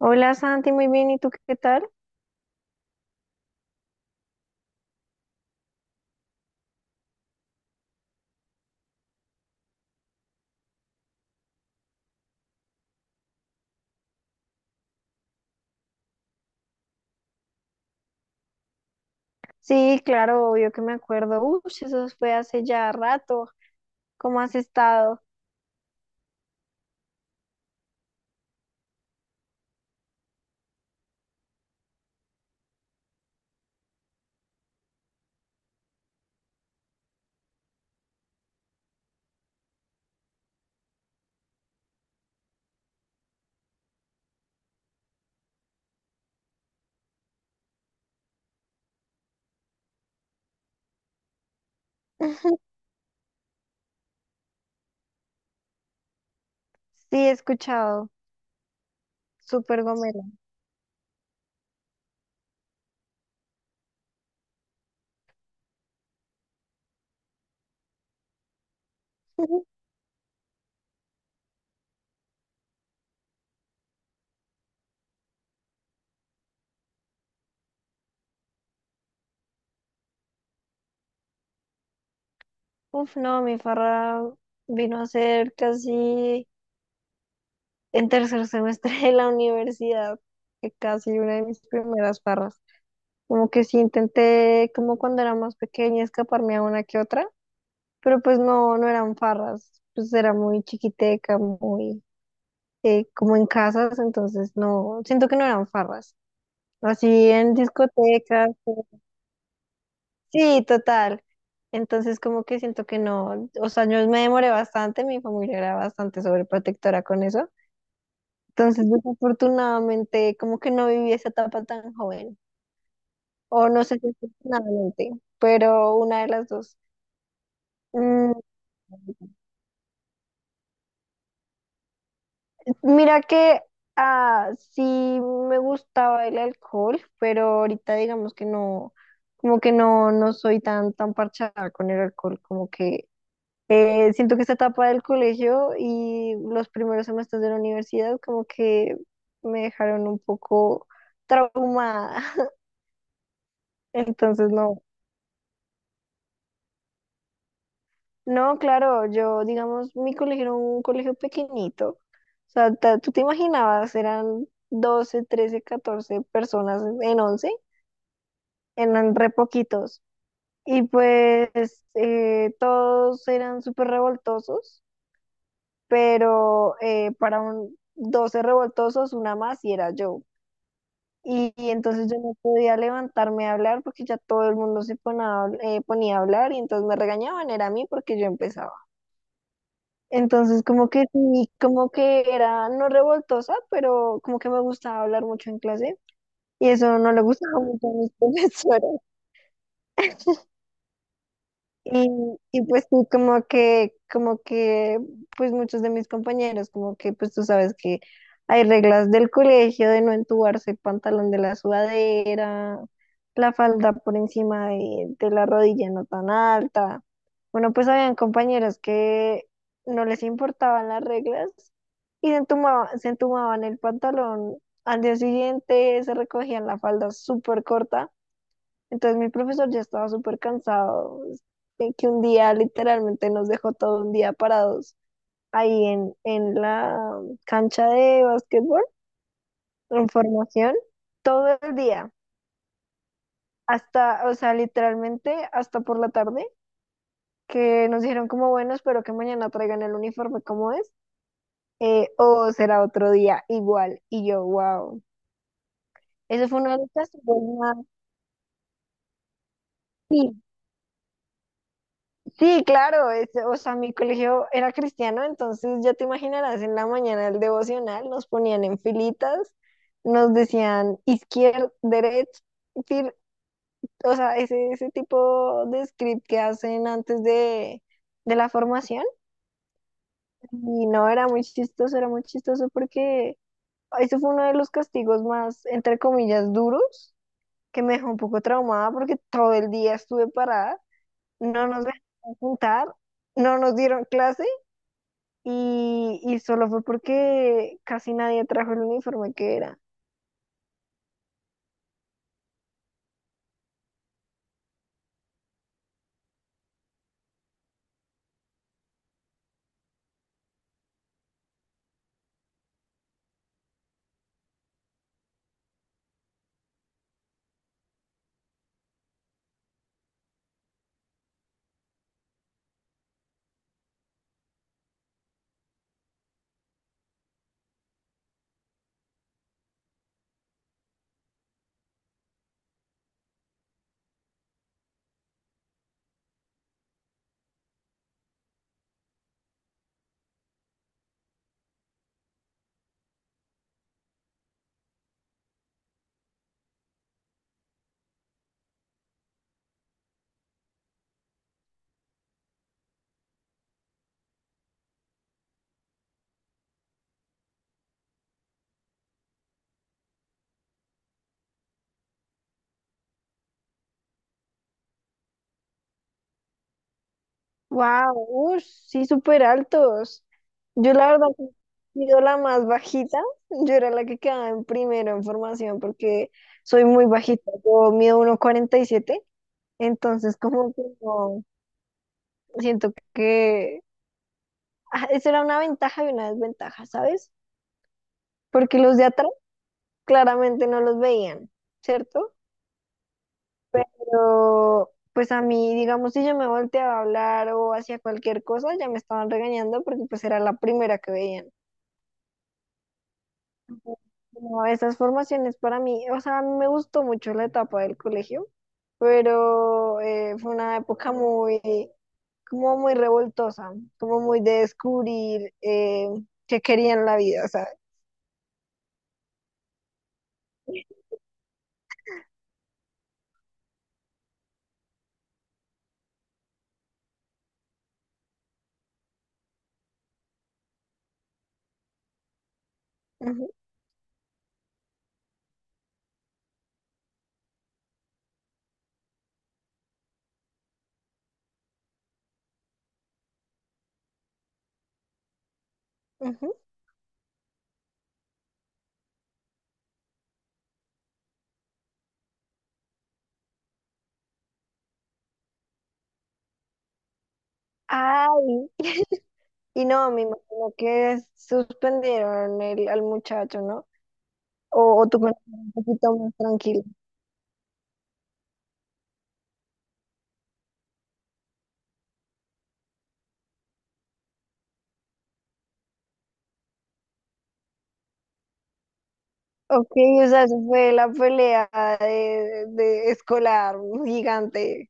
Hola Santi, muy bien, ¿y tú qué tal? Sí, claro, obvio que me acuerdo. Uy, eso fue hace ya rato. ¿Cómo has estado? Sí, he escuchado. Súper gomelo. Uf, no, mi farra vino a ser casi en tercer semestre de la universidad, que casi una de mis primeras farras. Como que sí intenté, como cuando era más pequeña, escaparme a una que otra, pero pues no, no eran farras, pues era muy chiquiteca, muy como en casas, entonces no, siento que no eran farras. Así en discotecas, sí, total. Entonces como que siento que no, o sea, yo me demoré bastante, mi familia era bastante sobreprotectora con eso. Entonces, desafortunadamente, como que no viví esa etapa tan joven, o no sé si afortunadamente, pero una de las dos. Mm, Mira que, ah, sí me gustaba el alcohol, pero ahorita digamos que no, como que no, no soy tan, tan parchada con el alcohol, como que siento que esta etapa del colegio y los primeros semestres de la universidad como que me dejaron un poco traumada. Entonces no, no, claro, yo digamos, mi colegio era un colegio pequeñito. O sea, tú te imaginabas, eran 12, 13, 14 personas en once, eran re poquitos. Y pues todos eran súper revoltosos, pero para un 12 revoltosos, una más y era yo. Y entonces yo no podía levantarme a hablar porque ya todo el mundo ponía a hablar y entonces me regañaban, era a mí porque yo empezaba. Entonces como que sí, como que era no revoltosa, pero como que me gustaba hablar mucho en clase y eso no le gustaba mucho a mis profesoras. Y, y pues sí, pues muchos de mis compañeros, como que, pues tú sabes que hay reglas del colegio de no entubarse el pantalón de la sudadera, la falda por encima de la rodilla, no tan alta. Bueno, pues habían compañeros que no les importaban las reglas y se entumaban el pantalón. Al día siguiente se recogían la falda súper corta, entonces mi profesor ya estaba súper cansado, que un día literalmente nos dejó todo un día parados ahí en la cancha de básquetbol, en formación, todo el día, hasta, o sea, literalmente hasta por la tarde, que nos dijeron como, bueno, espero que mañana traigan el uniforme como es, o será otro día igual, y yo, wow. Eso fue uno de los castigos más, sí. Sí, claro, o sea, mi colegio era cristiano, entonces ya te imaginarás, en la mañana el devocional nos ponían en filitas, nos decían izquierda, derecha, fil- o sea, ese tipo de script que hacen antes de la formación. Y no, era muy chistoso porque eso fue uno de los castigos más, entre comillas, duros, que me dejó un poco traumada porque todo el día estuve parada, no nos dejaron juntar, no nos dieron clase. Y solo fue porque casi nadie trajo el uniforme que era. ¡Wow! ¡Ush! Sí, súper altos. Yo la verdad, he sido la más bajita. Yo era la que quedaba en primero en formación porque soy muy bajita. Yo mido 1,47. Entonces, como que no, siento que, ah, eso era una ventaja y una desventaja, ¿sabes? Porque los de atrás claramente no los veían, ¿cierto? Pero, pues a mí, digamos, si yo me volteaba a hablar o hacía cualquier cosa, ya me estaban regañando porque pues era la primera que veían. No, esas formaciones para mí, o sea, a mí me gustó mucho la etapa del colegio, pero fue una época muy, como muy revoltosa, como muy de descubrir qué quería en la vida, ¿sabes? Ujú, ujú. Ay, y no, me imagino que suspendieron al muchacho, ¿no? O tú conoces un poquito más tranquilo. Ok, o sea, eso fue la pelea de escolar gigante.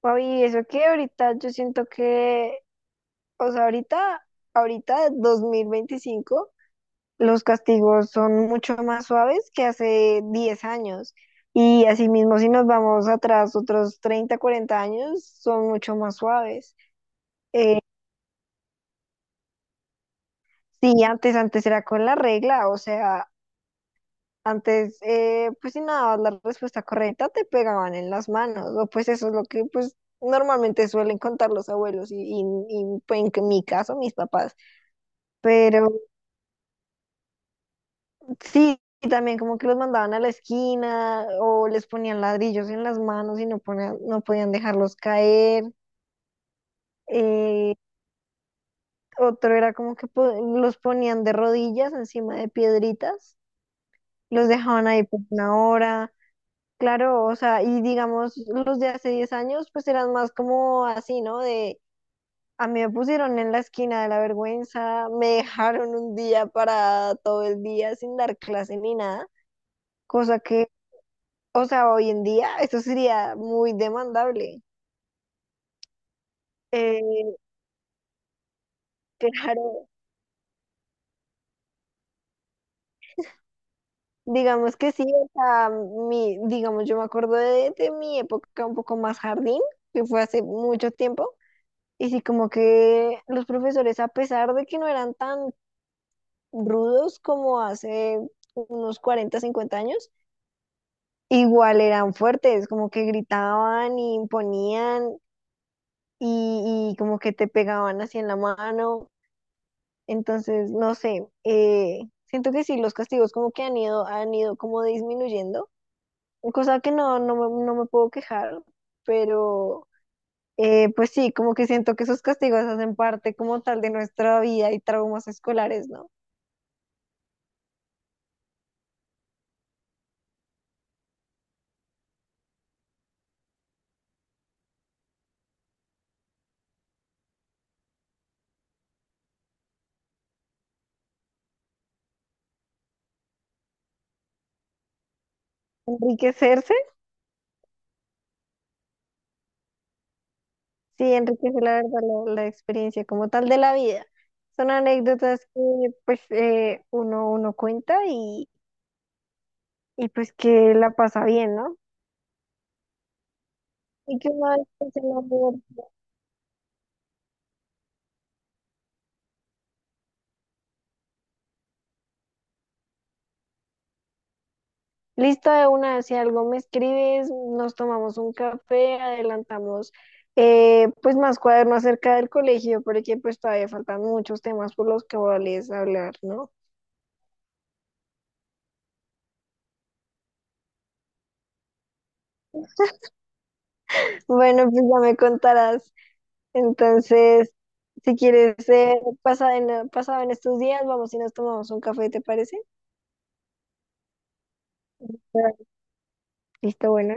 Papi, eso que ahorita yo siento que, o sea, ahorita, ahorita 2025 los castigos son mucho más suaves que hace 10 años. Y asimismo, si nos vamos atrás otros 30, 40 años, son mucho más suaves. Sí, antes, antes era con la regla, o sea. Antes, pues si no dabas la respuesta correcta, te pegaban en las manos, o pues eso es lo que pues normalmente suelen contar los abuelos pues, mi caso mis papás. Pero sí, y también como que los mandaban a la esquina o les ponían ladrillos en las manos y no, no podían dejarlos caer. Eh, otro era como que los ponían de rodillas encima de piedritas, los dejaban ahí por una hora. Claro, o sea, y digamos, los de hace 10 años pues eran más como así, ¿no? De, a mí me pusieron en la esquina de la vergüenza, me dejaron un día para todo el día sin dar clase ni nada, cosa que, o sea, hoy en día eso sería muy demandable. Eh, claro, digamos que sí, o sea, mi, digamos, yo me acuerdo de mi época un poco más jardín, que fue hace mucho tiempo. Y sí, como que los profesores, a pesar de que no eran tan rudos como hace unos 40, 50 años, igual eran fuertes, como que gritaban y imponían y como que te pegaban así en la mano. Entonces, no sé, siento que sí, los castigos como que han ido como disminuyendo, cosa que no, no, no me puedo quejar, pero pues sí, como que siento que esos castigos hacen parte como tal de nuestra vida y traumas escolares, ¿no? Enriquecerse. Sí, enriquece la verdad la experiencia como tal de la vida. Son anécdotas que pues uno cuenta y pues que la pasa bien, ¿no? Y que una vez pues, el amor, listo, de una, si algo me escribes, nos tomamos un café, adelantamos pues más cuaderno acerca del colegio, porque pues todavía faltan muchos temas por los que cuales hablar, ¿no? Bueno, pues ya me contarás. Entonces, si quieres, pasado en estos días, vamos y nos tomamos un café, ¿te parece? Claro. Listo, bueno.